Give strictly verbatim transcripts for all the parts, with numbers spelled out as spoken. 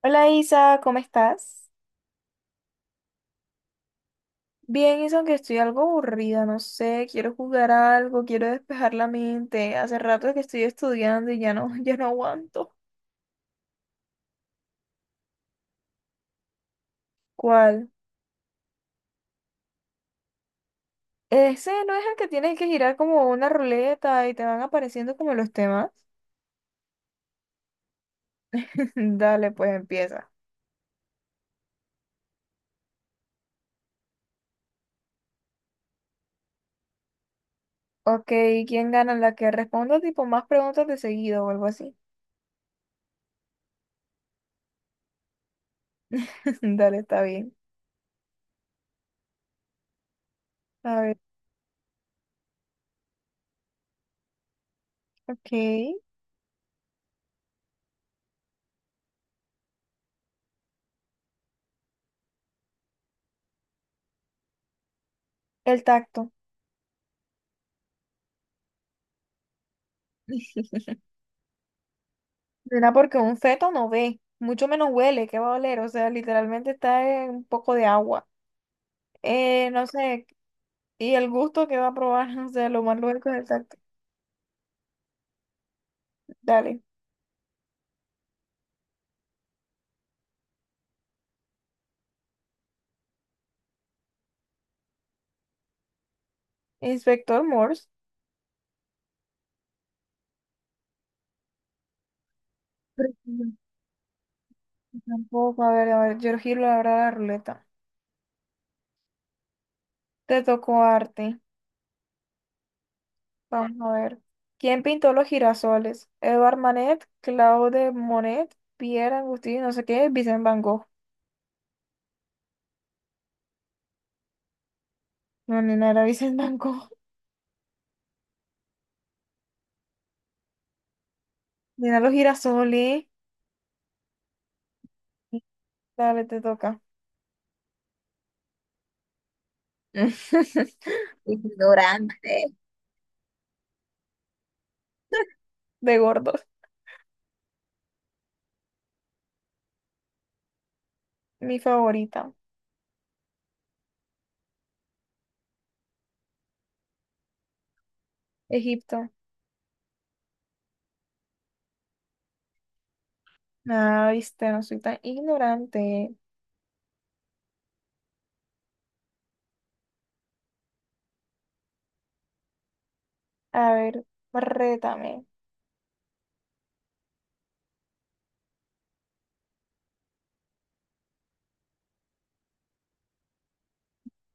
Hola Isa, ¿cómo estás? Bien, Isa, aunque estoy algo aburrida, no sé, quiero jugar a algo, quiero despejar la mente. Hace rato que estoy estudiando y ya no, ya no aguanto. ¿Cuál? Ese no es el que tienes que girar como una ruleta y te van apareciendo como los temas. Dale, pues empieza. Ok, ¿quién gana? La que responda tipo más preguntas de seguido o algo así. Dale, está bien. A ver, ok. El tacto. Será porque un feto no ve, mucho menos huele, ¿qué va a oler? O sea, literalmente está en un poco de agua. Eh, no sé, y el gusto que va a probar, o sea, lo más lógico es el tacto. Dale, Inspector Morse. Pero, mm, tampoco, a ver, a ver, yo giro ahora la ruleta. Te tocó arte, vamos a ver. ¿Quién pintó los girasoles? Edvard Manet, Claude Monet, Pierre Agustín, no sé qué, Vincent Van Gogh. No, ni nada, era Vincent Van Gogh. Mira los girasoles. Dale, te toca. Ignorante. De gordos. Mi favorita, Egipto. Ah, viste, no soy tan ignorante. A ver, rétame.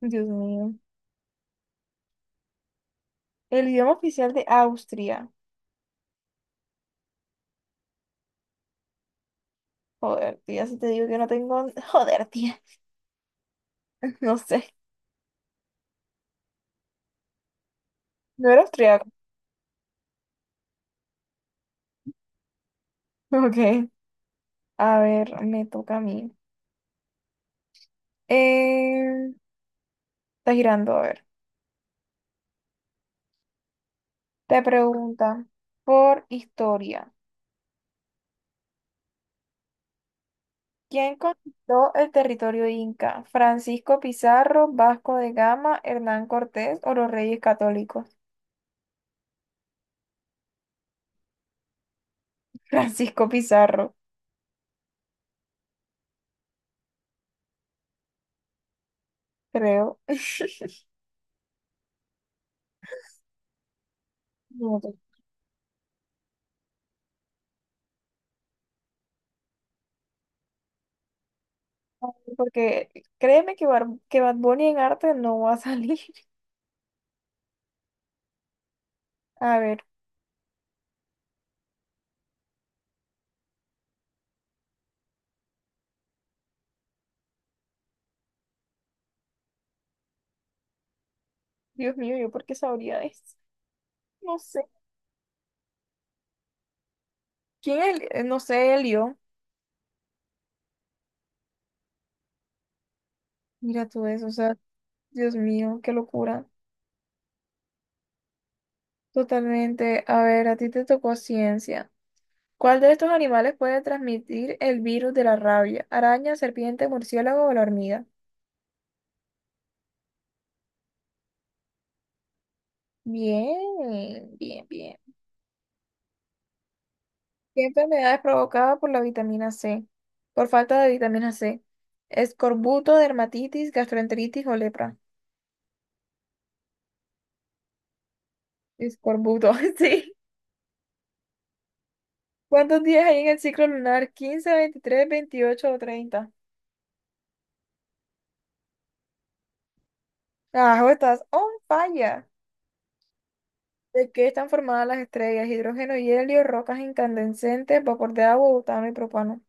Dios mío. El idioma oficial de Austria. Joder, tía, si te digo que no tengo. Joder, tía. No sé. No era austriaco. Ok. A ver, me toca a mí. Eh, está girando, a ver. Te pregunta por historia. ¿Quién conquistó el territorio inca? ¿Francisco Pizarro, Vasco de Gama, Hernán Cortés o los Reyes Católicos? Francisco Pizarro, creo. No te- Porque créeme que, Bar- que Bad Bunny en arte no va a salir. A ver, Dios mío, ¿yo por qué sabría eso? No sé. ¿Quién es? el- eh, No sé, Elio. Mira tú eso, o sea, Dios mío, qué locura. Totalmente. A ver, a ti te tocó ciencia. ¿Cuál de estos animales puede transmitir el virus de la rabia? ¿Araña, serpiente, murciélago o la hormiga? Bien, bien, bien. ¿Qué enfermedad es provocada por la vitamina C? Por falta de vitamina C. Escorbuto, dermatitis, gastroenteritis o lepra. Escorbuto, sí. ¿Cuántos días hay en el ciclo lunar? Quince, veintitrés, veintiocho o treinta? Carajo, estás on fire. ¿De qué están formadas las estrellas? Hidrógeno y helio, rocas incandescentes, vapor de agua, butano y propano.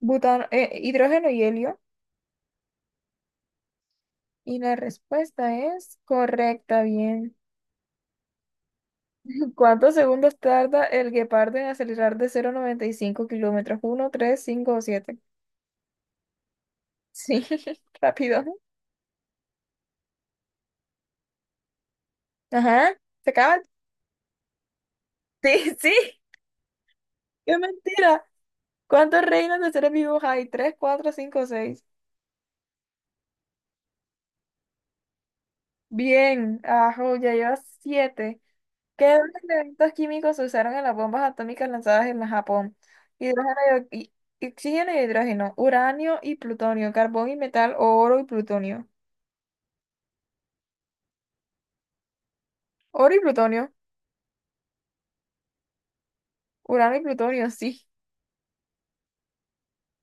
butano, eh, hidrógeno y helio. Y la respuesta es correcta, bien. ¿Cuántos segundos tarda el guepardo en acelerar de cero a noventa y cinco kilómetros? Uno, tres, cinco, o siete. Sí, rápido. Ajá, se acaba. Sí, sí, qué mentira. ¿Cuántos reinos de seres vivos hay? Tres, cuatro, cinco, seis. Bien, ajo, ya llevas siete. ¿Qué dos elementos químicos se usaron en las bombas atómicas lanzadas en Japón? Hidrógeno y oxi- oxígeno y hidrógeno, uranio y plutonio, carbón y metal o oro y plutonio. Oro y plutonio, uranio y plutonio, sí.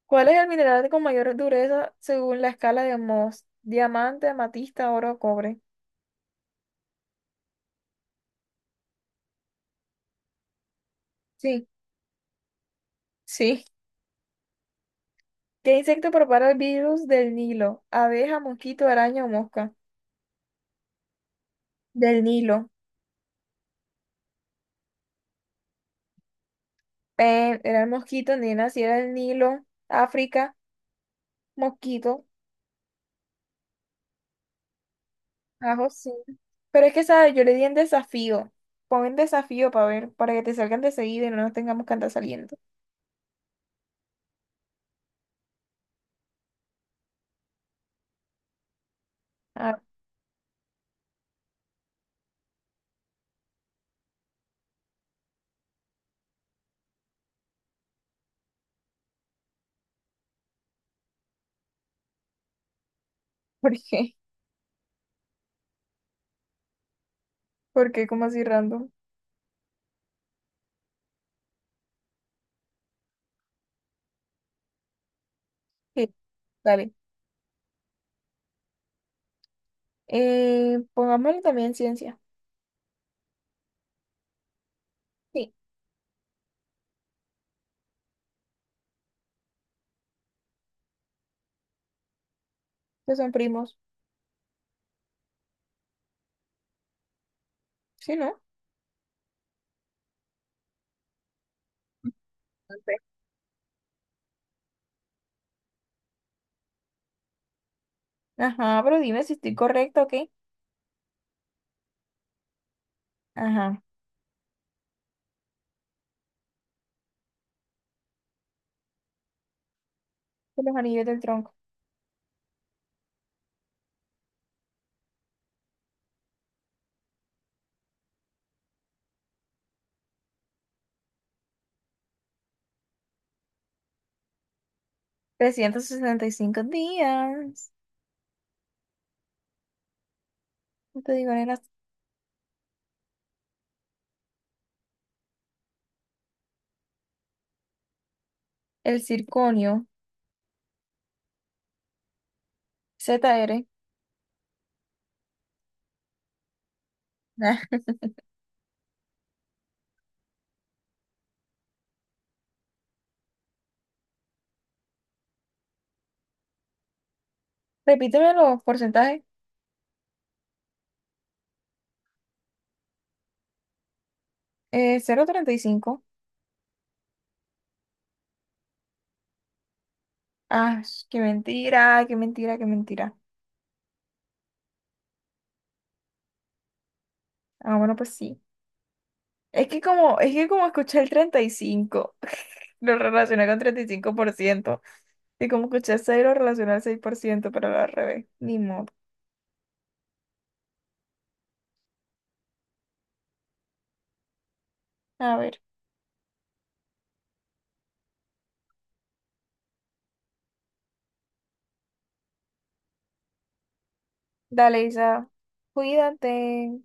¿Cuál es el mineral con mayor dureza según la escala de Mohs? Diamante, amatista, oro, cobre. Sí, sí. ¿Qué insecto propaga el virus del Nilo? ¿Abeja, mosquito, araña o mosca? Del Nilo. Eh, era el mosquito, nena, si era el Nilo, África, mosquito. Ajo sí. Pero es que, ¿sabes? Yo le di en desafío. Pon en desafío para ver, para que te salgan de seguida y no nos tengamos que andar saliendo. Ah, ¿por qué? ¿Por qué? ¿Cómo así random? Sí, dale. Eh, pongámosle también ciencia. Sí, que son primos. Sí, ¿no? Ok. Ajá, pero dime si estoy correcta o Ajá. De los anillos del tronco. Trescientos sesenta y cinco días. No te digo, nena. El circonio. Z R. Ah, repíteme los porcentajes. Eh, cero punto treinta y cinco. Ah, qué mentira, qué mentira, qué mentira. Ah, bueno, pues sí. Es que como, es que como escuché el treinta y cinco, lo relacioné con treinta y cinco por ciento y como escuché seis, lo relacioné al seis por ciento pero al revés. Ni modo. A ver, dale, Isa. Cuídate.